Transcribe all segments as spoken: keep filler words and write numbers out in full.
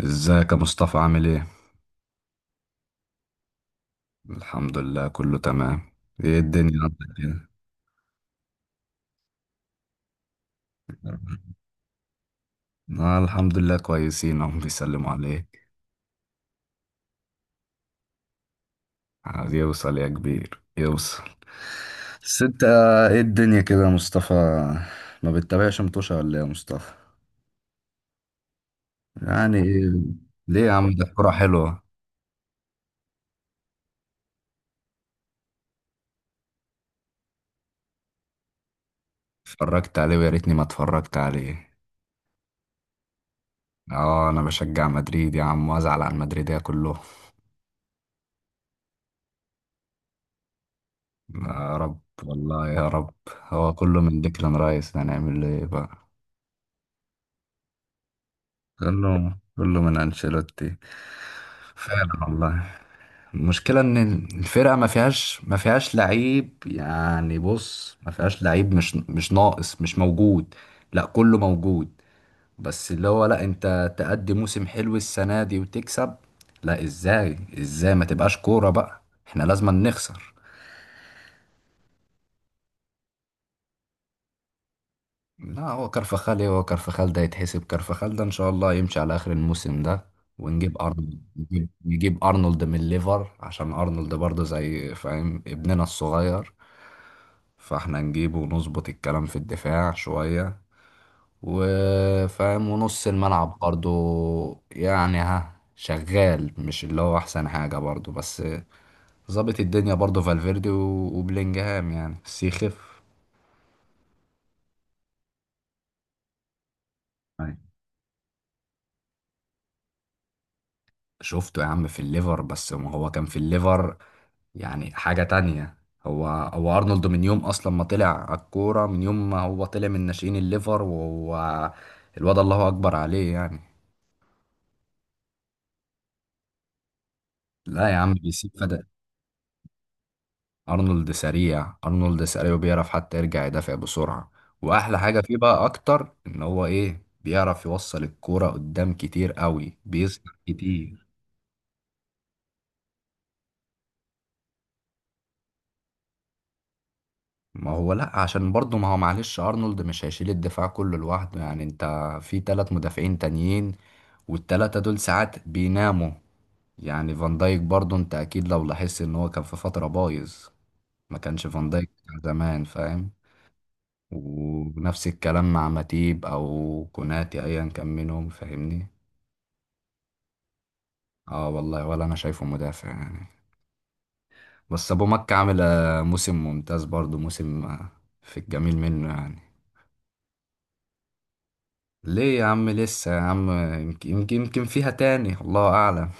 ازيك يا مصطفى، عامل ايه؟ الحمد لله كله تمام. ايه الدنيا عندك كده؟ آه الحمد لله كويسين، هم بيسلموا عليك. عايز يوصل يا كبير، يوصل. بس انت ايه الدنيا كده يا مصطفى، ما بتتابعش متوشة ولا ايه يا مصطفى؟ يعني ايه؟ ليه يا عم، ده الكورة حلوة. اتفرجت عليه ويا ريتني ما اتفرجت عليه. اه انا بشجع مدريد يا عم، وازعل على المدريدية كلهم. يا رب والله يا رب. هو كله من ديكلان رايس، هنعمل ايه بقى. كله كله من انشيلوتي. فعلا والله. المشكلة ان الفرقة ما فيهاش ما فيهاش لعيب، يعني بص ما فيهاش لعيب، مش مش ناقص، مش موجود. لا كله موجود. بس اللي هو لا، انت تأدي موسم حلو السنة دي وتكسب. لا ازاي ازاي ما تبقاش كورة بقى. احنا لازم نخسر. لا هو كرفخال، ايه هو كرفخال ده يتحسب، كرفخال ده ان شاء الله يمشي على اخر الموسم ده. ونجيب ارنولد، نجيب, نجيب ارنولد من ليفر، عشان ارنولد برضه زي، فاهم، ابننا الصغير. فاحنا نجيبه ونظبط الكلام في الدفاع شوية، وفاهم، ونص الملعب برضه يعني، ها شغال، مش اللي هو احسن حاجة برضه، بس ظابط الدنيا برضه. فالفيردي و- وبلينجهام يعني، بس يخف. شفته يا عم في الليفر، بس ما هو كان في الليفر يعني حاجة تانية. هو هو أرنولد من يوم أصلا ما طلع على الكورة، من يوم ما هو طلع من ناشئين الليفر وهو الواد، الله أكبر عليه يعني. لا يا عم بيسيب فدا. أرنولد سريع، أرنولد سريع، وبيعرف حتى يرجع يدافع بسرعة. وأحلى حاجة فيه بقى أكتر، إن هو إيه، بيعرف يوصل الكورة قدام كتير قوي، بيصنع كتير. ما هو لا، عشان برضه ما هو، معلش، ارنولد مش هيشيل الدفاع كله لوحده يعني، انت في تلات مدافعين تانيين، والتلاتة دول ساعات بيناموا يعني. فان دايك برضه، انت اكيد لو لاحظت ان هو كان في فترة بايظ، ما كانش فان دايك بتاع زمان، فاهم. ونفس الكلام مع ماتيب او كوناتي، ايا كان منهم، فاهمني. اه والله، ولا انا شايفه مدافع يعني. بس ابو مكة عامل آه، موسم ممتاز برضه، موسم آه، في الجميل منه يعني. ليه يا عم، لسه يا عم. يمكن يمكن يمكن فيها تاني، الله اعلم.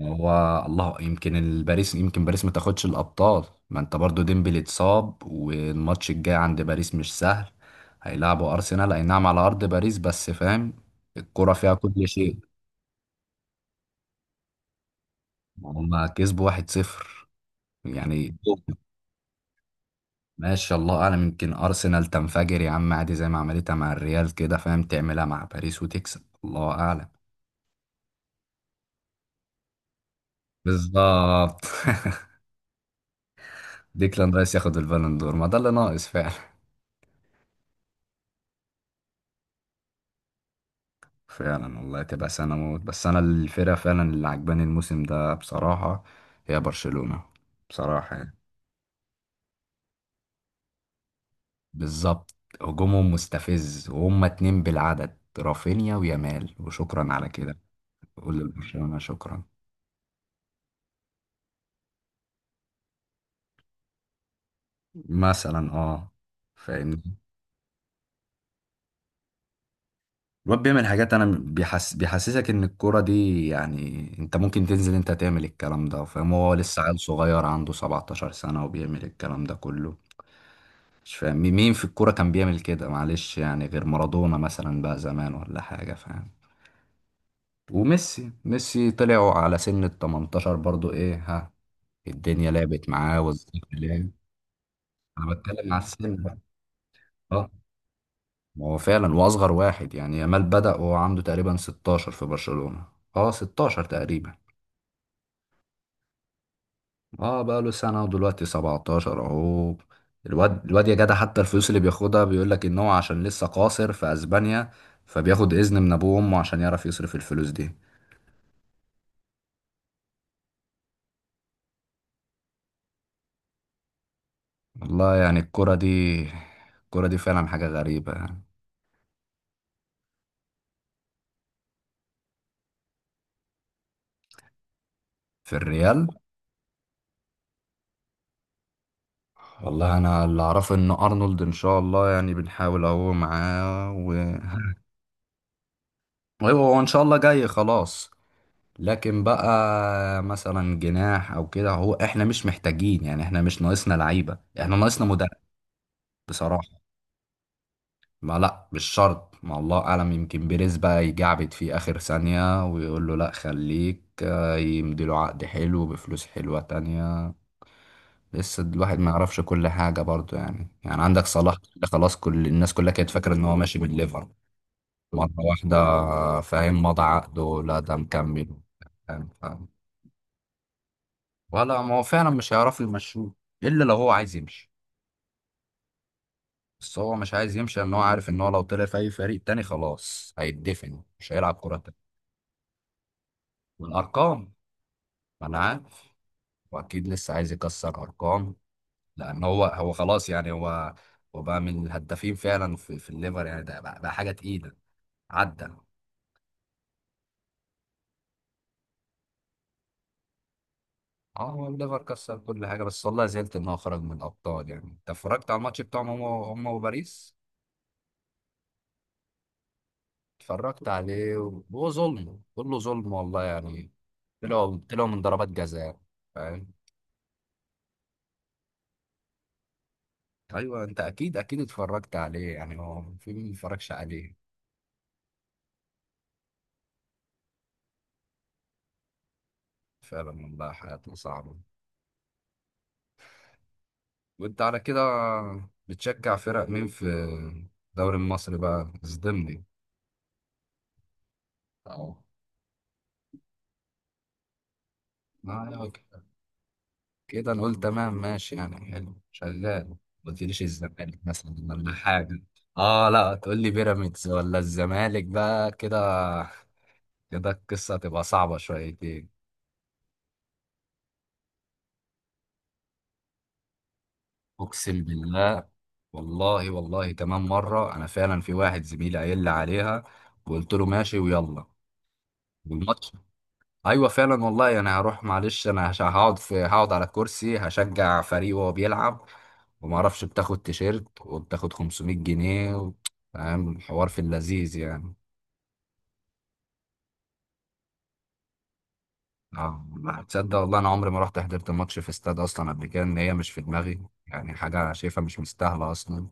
هو الله، يمكن الباريس، يمكن باريس ما تاخدش الابطال. ما انت برضو ديمبلي اتصاب، والماتش الجاي عند باريس مش سهل. هيلعبوا ارسنال اي نعم على ارض باريس، بس فاهم، الكرة فيها كل شيء. هما كسبوا واحد صفر يعني. ماشي، الله اعلم، يمكن ارسنال تنفجر يا عم عادي، زي ما عملتها مع الريال كده، فاهم، تعملها مع باريس وتكسب، الله اعلم. بالظبط ديكلان رايس ياخد البالون دور، ما ده اللي ناقص فعلا. فعلا والله، تبقى سنة موت. بس أنا الفرقة فعلا اللي عجباني الموسم ده بصراحة، هي برشلونة. بصراحة يعني. بالظبط. هجومهم مستفز، وهم اتنين بالعدد، رافينيا ويامال، وشكرا على كده. قول لبرشلونة شكرا. مثلا اه. فاهمني. الواد بيعمل حاجات، انا بيحس، بيحسسك ان الكوره دي، يعني انت ممكن تنزل انت تعمل الكلام ده، فاهم؟ هو لسه عيل صغير عنده سبعتاشر سنة سنه، وبيعمل الكلام ده كله. مش فاهم مي- مين في الكورة كان بيعمل كده، معلش، يعني غير مارادونا مثلا بقى زمان، ولا حاجة فاهم. وميسي، ميسي طلعوا على سن ال التمنتاشر برضو، ايه ها، الدنيا لعبت معاه والزمن لعب. انا بتكلم على السن بقى. اه. ما هو فعلا، واصغر واحد يعني، يامال بدأ وهو عنده تقريبا ستاشر في برشلونة. اه ستاشر تقريبا. اه بقى له سنة، ودلوقتي سبعتاشر اهو. الواد الواد يا جدع، حتى الفلوس اللي بياخدها، بيقول لك ان هو عشان لسه قاصر في اسبانيا، فبياخد اذن من ابوه وامه عشان يعرف يصرف الفلوس دي. والله يعني الكرة دي، الكرة دي فعلا حاجة غريبة يعني. في الريال. والله انا اللي اعرفه ان ارنولد ان شاء الله، يعني بنحاول اهو معاه، و... ايوه هو ان شاء الله جاي خلاص. لكن بقى مثلا جناح او كده، هو احنا مش محتاجين يعني، احنا مش ناقصنا لعيبة، احنا ناقصنا مدرب بصراحة. ما لا، مش شرط، ما الله اعلم، يمكن بيريز بقى يجعبد فيه اخر ثانية ويقول له لا خليك، آه، يمديله عقد حلو بفلوس حلوة تانية. لسه الواحد ما يعرفش كل حاجة برضو يعني يعني عندك صلاح ده خلاص، كل الناس كلها كانت فاكرة ان هو ماشي من ليفر. مرة واحدة آه، فاهم، مضى عقده لا ده مكمل، فاهم فاهم. ولا، ما هو فعلا مش هيعرف يمشوه، الا لو هو عايز يمشي. بس هو مش عايز يمشي، لان هو عارف ان هو لو طلع في اي فريق تاني خلاص هيتدفن، مش هيلعب كرة تانية. والارقام، ما انا عارف، واكيد لسه عايز يكسر ارقام. لان هو هو خلاص يعني، هو هو بقى من الهدافين فعلا في, في الليفر يعني، ده بقى, بقى حاجه تقيله. عدى. اه هو الليفر كسر كل حاجه، بس والله زعلت ان هو خرج من الابطال. يعني انت اتفرجت على الماتش بتاعهم، هم هم وباريس. اتفرجت عليه، وهو ظلم، كله ظلم والله يعني. طلعوا طلعوا من ضربات جزاء، فاهم. ايوه انت اكيد اكيد اتفرجت عليه يعني، هو في مين ما اتفرجش عليه. فعلا والله، حياته صعبه. وانت على كده بتشجع فرق مين في الدوري المصري بقى، اصدمني. اهو. آه، كده نقول تمام، ماشي يعني، حلو شغال. ما قلتليش الزمالك مثلا ولا حاجة. اه لا، تقول لي بيراميدز ولا الزمالك بقى كده، كده القصة هتبقى صعبة شويتين. اقسم بالله. والله والله تمام مرة، انا فعلا في واحد زميلي قايل لي عليها، وقلت له ماشي ويلا، والماتش. ايوه فعلا والله انا هروح، معلش، انا هش- هقعد في هقعد على الكرسي، هشجع فريق وهو بيلعب، وما اعرفش، بتاخد تيشيرت وبتاخد خمسمئة جنيه و... فاهم الحوار في اللذيذ يعني. اه لا، تصدق والله انا عمري ما رحت حضرت ماتش في استاد اصلا قبل كده، ان هي مش في دماغي يعني، حاجه انا شايفها مش مستاهله اصلا.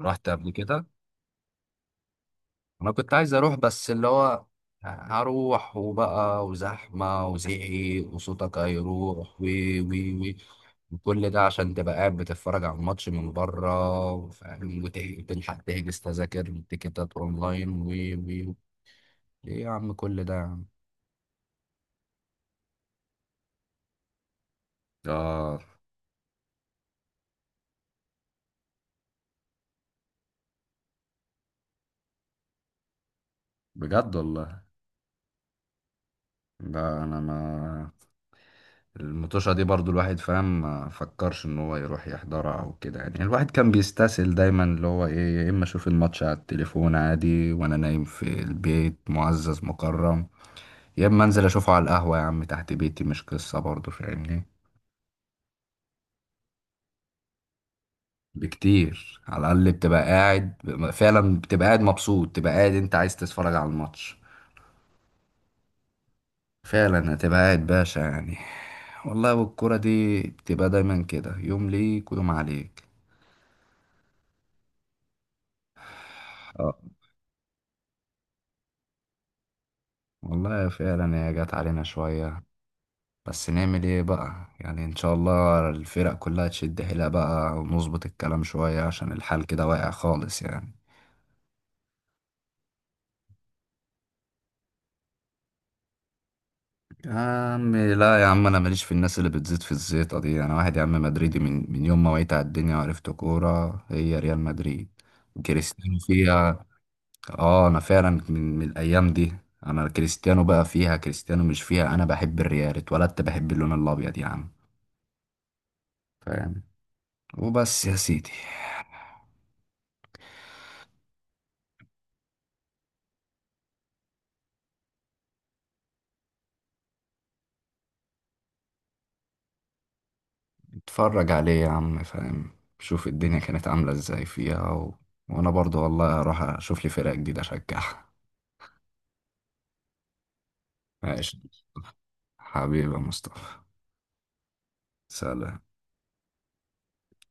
رحت قبل كده، انا كنت عايز اروح، بس اللي هو، هروح وبقى وزحمه وزعيق، وصوتك هيروح وي وي وي. كل ده عشان تبقى قاعد بتتفرج على الماتش من بره، فاهم، وت- وتلحق تحجز تذاكر والتيكيتات اونلاين و و و. ايه يا عم كل ده يا عم؟ اه بجد والله. ده انا ما، المطوشة دي برضو الواحد فاهم، ما فكرش ان هو يروح يحضرها او كده يعني، الواحد كان بيستسهل دايما اللي هو ايه، يا اما اشوف الماتش على التليفون عادي وانا نايم في البيت معزز مكرم، يا اما انزل اشوفه على القهوة يا عم تحت بيتي، مش قصة برضو، فاهمني. بكتير، على الاقل بتبقى قاعد. فعلا بتبقى قاعد مبسوط، بتبقى قاعد انت عايز تتفرج على الماتش. فعلا هتبقى قاعد باشا يعني. والله، والكرة دي بتبقى دايما كده، يوم ليك ويوم عليك. اه والله فعلا، هي جت علينا شوية. بس نعمل ايه بقى يعني، ان شاء الله الفرق كلها تشد حيلها بقى، ونظبط الكلام شوية، عشان الحال كده واقع خالص يعني. يا عم لا يا عم، انا ماليش في الناس اللي بتزيد في الزيطه دي. انا واحد يا عم مدريدي، من من يوم ما وعيت على الدنيا وعرفت كوره هي ريال مدريد، كريستيانو فيها. اه انا فعلا من, من الايام دي. انا كريستيانو بقى فيها، كريستيانو مش فيها، انا بحب الريال، اتولدت بحب اللون الابيض يا عم، فاهم، وبس يا سيدي. اتفرج عليه يا عم، فاهم، شوف الدنيا كانت عامله ازاي فيها، و... وانا برضو والله هروح اشوف لي فرقه جديده اشجعها. ماشي. حبيبي يا مصطفى. سلام.